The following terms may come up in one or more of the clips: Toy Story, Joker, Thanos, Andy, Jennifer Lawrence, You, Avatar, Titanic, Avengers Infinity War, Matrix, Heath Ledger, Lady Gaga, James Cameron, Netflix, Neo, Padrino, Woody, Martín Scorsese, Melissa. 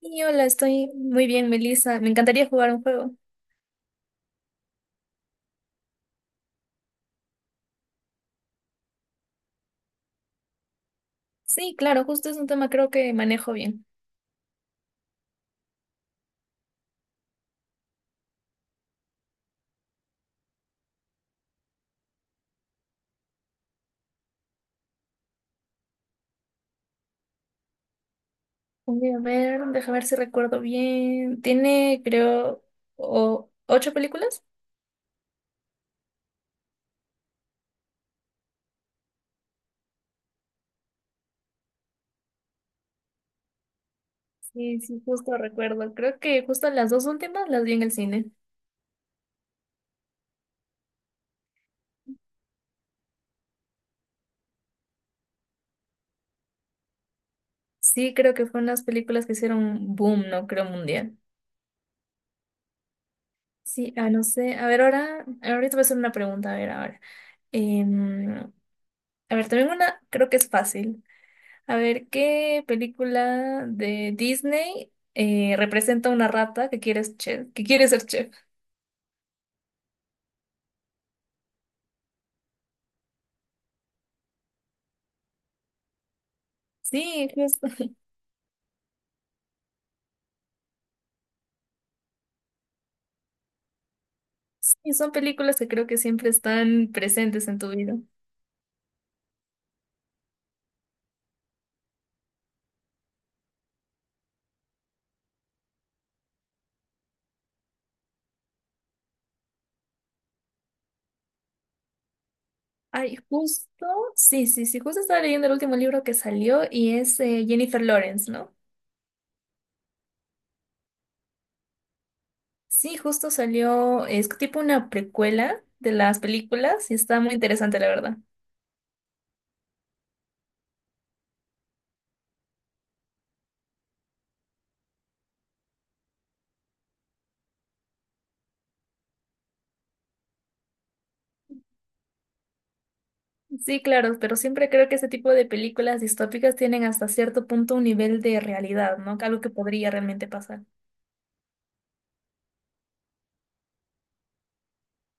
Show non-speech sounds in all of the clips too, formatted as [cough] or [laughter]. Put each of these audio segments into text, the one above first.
Y hola, estoy muy bien, Melissa. Me encantaría jugar un juego. Sí, claro, justo es un tema creo que manejo bien. Voy a ver, déjame ver si recuerdo bien. Tiene, creo, ocho películas. Sí, sí, justo recuerdo. Creo que justo las dos últimas las vi en el cine. Sí, creo que fueron las películas que hicieron boom, no creo mundial. Sí, no sé. A ver, ahora, ahorita voy a hacer una pregunta, a ver, ahora. Em, a ver, también una, creo que es fácil. A ver, ¿qué película de Disney representa a una rata que quiere ser chef? ¿Que quiere ser chef? Sí, justo. [laughs] Sí, son películas que creo que siempre están presentes en tu vida. Ay, justo. Sí, sí, sí, justo estaba leyendo el último libro que salió y es Jennifer Lawrence, ¿no? Sí, justo salió, es tipo una precuela de las películas y está muy interesante, la verdad. Sí, claro, pero siempre creo que ese tipo de películas distópicas tienen hasta cierto punto un nivel de realidad, ¿no? Algo que podría realmente pasar.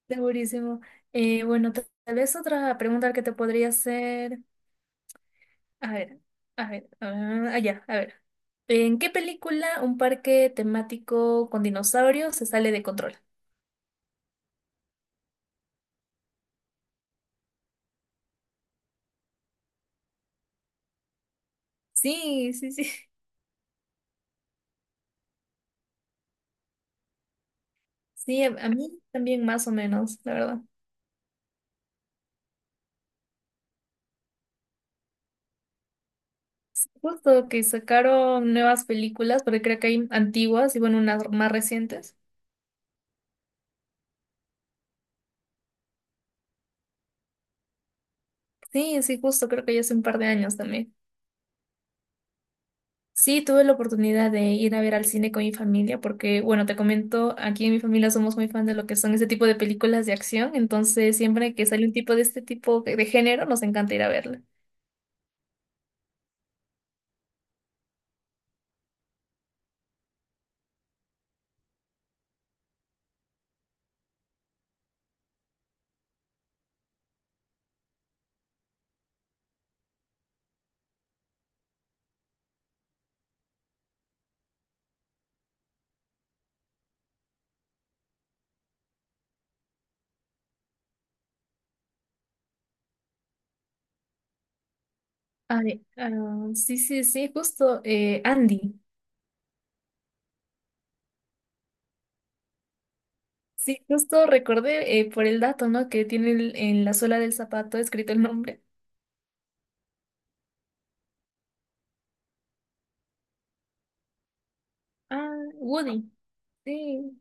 Segurísimo. Bueno, tal vez otra pregunta que te podría hacer. A ver, a ver, ah, ya, a ver. ¿En qué película un parque temático con dinosaurios se sale de control? Sí, sí, sí. [laughs] Sí, a mí también más o menos, la verdad. Justo que sacaron nuevas películas, porque creo que hay antiguas y bueno, unas más recientes. Sí, sí, justo, creo que ya hace un par de años también. Sí, tuve la oportunidad de ir a ver al cine con mi familia porque, bueno, te comento, aquí en mi familia somos muy fan de lo que son ese tipo de películas de acción, entonces siempre que sale un tipo de este tipo de género, nos encanta ir a verla. Ay, sí, sí, sí, justo, Andy. Sí, justo recordé por el dato, ¿no? Que tiene en la suela del zapato escrito el nombre. Ah, Woody. Sí.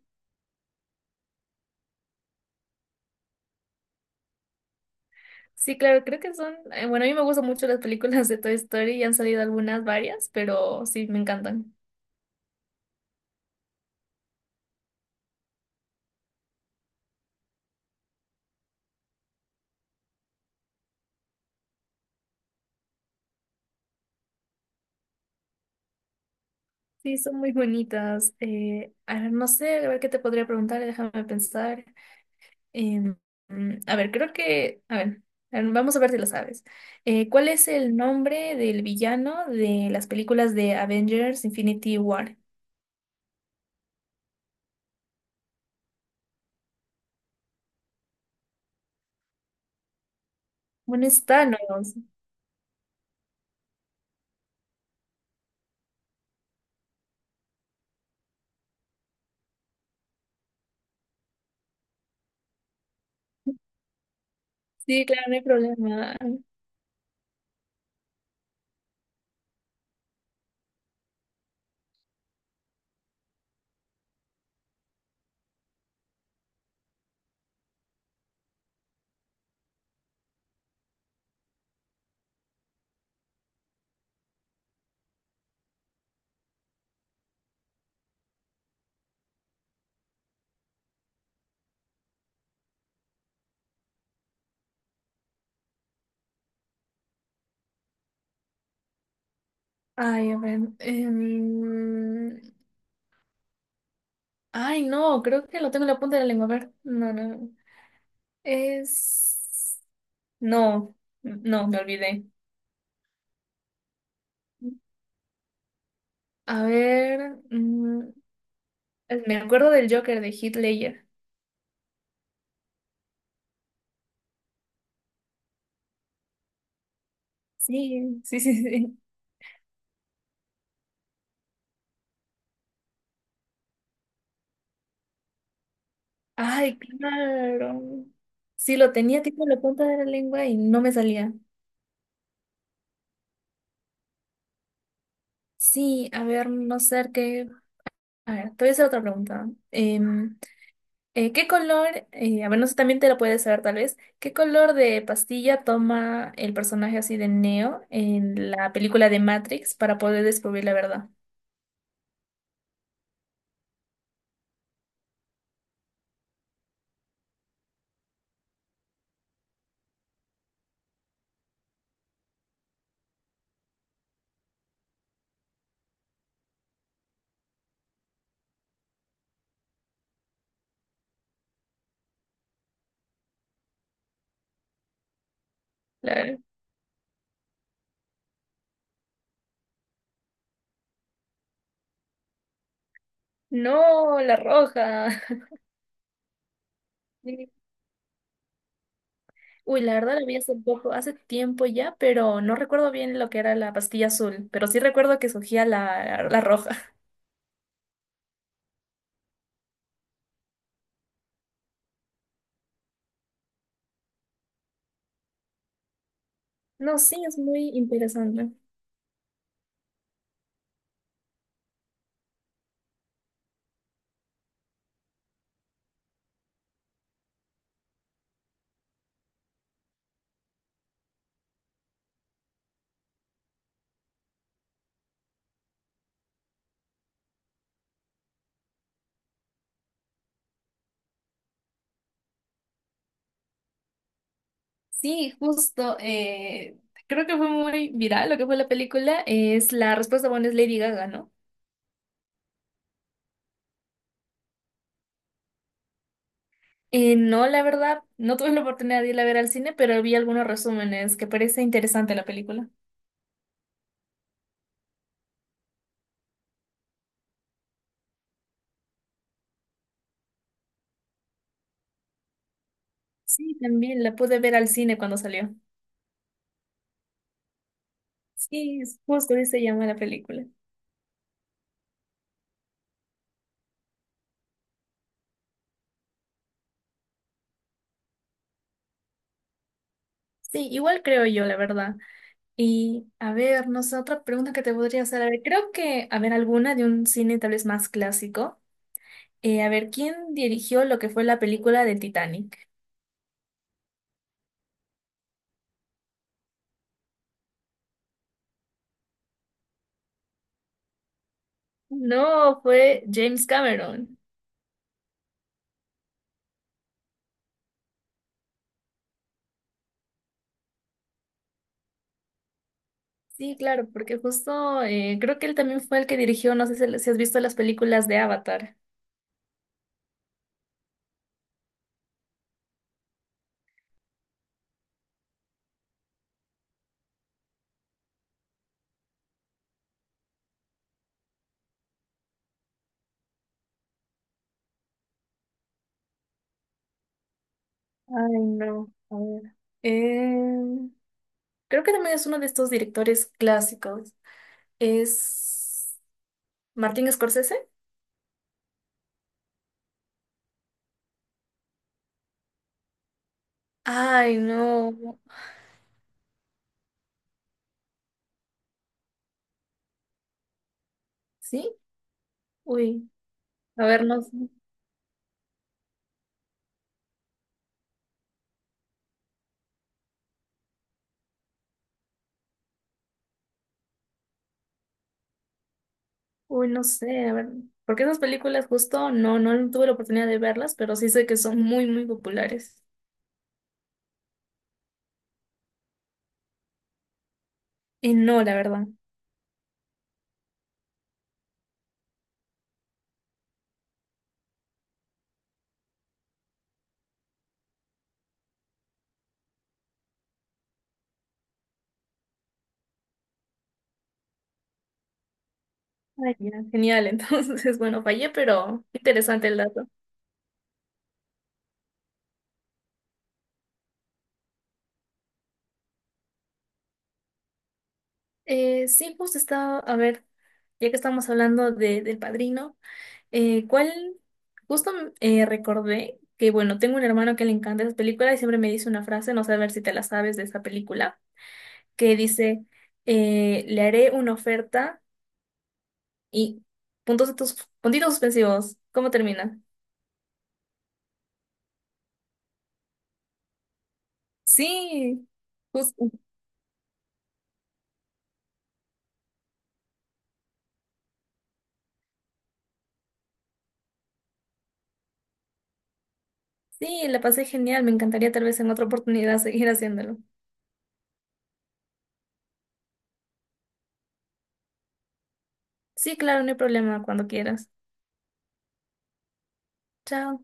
Sí, claro, creo que son, bueno, a mí me gustan mucho las películas de Toy Story y han salido algunas, varias, pero sí, me encantan. Sí, son muy bonitas. A ver, no sé, a ver qué te podría preguntar, déjame pensar. Em, a ver, creo que, a ver, vamos a ver si lo sabes. ¿Cuál es el nombre del villano de las películas de Avengers Infinity War? Bueno, es Thanos. Sí, claro, no hay problema. Ay, a ver. Ay, no, creo que lo tengo en la punta de la lengua. A ver, no, no. No. Es... No, no, me olvidé. A ver, me acuerdo del Joker de Heath Ledger. Sí, sí, sí, sí. Ay, claro. Sí, lo tenía tipo en la punta de la lengua y no me salía. Sí, a ver, no sé qué. A ver, te voy a hacer otra pregunta. ¿Qué color, a ver, no sé, también te lo puedes saber tal vez, ¿qué color de pastilla toma el personaje así de Neo en la película de Matrix para poder descubrir la verdad? La- No, la roja. [laughs] Sí. Uy, la verdad la vi hace poco, hace tiempo ya, pero no recuerdo bien lo que era la pastilla azul, pero sí recuerdo que surgía la, la roja. [laughs] No, sí, es muy interesante. Sí, justo. Creo que fue muy viral lo que fue la película. Es la respuesta, bueno, es Lady Gaga, ¿no? No, la verdad, no tuve la oportunidad de ir a ver al cine, pero vi algunos resúmenes que parece interesante la película. Sí, también la pude ver al cine cuando salió. Sí, es justo así se llama la película. Sí, igual creo yo, la verdad. Y a ver, no sé, otra pregunta que te podría hacer. A ver, creo que, a ver, alguna de un cine tal vez más clásico. A ver, ¿quién dirigió lo que fue la película de Titanic? No, fue James Cameron. Sí, claro, porque justo creo que él también fue el que dirigió, no sé si has visto las películas de Avatar. Ay, no, a ver. Eh, creo que también es uno de estos directores clásicos. Es Martín Scorsese. Ay, no. ¿Sí? Uy, a ver, no, sé. Uy, no sé, a ver, porque esas películas justo no tuve la oportunidad de verlas, pero sí sé que son muy, muy populares. Y no, la verdad. Ay, ya, genial, [laughs] entonces, bueno, fallé, pero interesante el dato. Sí, pues estaba, a ver, ya que estamos hablando del Padrino, ¿cuál? Justo recordé que, bueno, tengo un hermano que le encanta esas películas y siempre me dice una frase, no sé a ver si te la sabes de esa película, que dice, le haré una oferta y puntos de tus, puntitos suspensivos. ¿Cómo termina? Sí, justo. Sí, la pasé genial, me encantaría tal vez en otra oportunidad [laughs] seguir haciéndolo. Sí, claro, no hay problema, cuando quieras. Chao.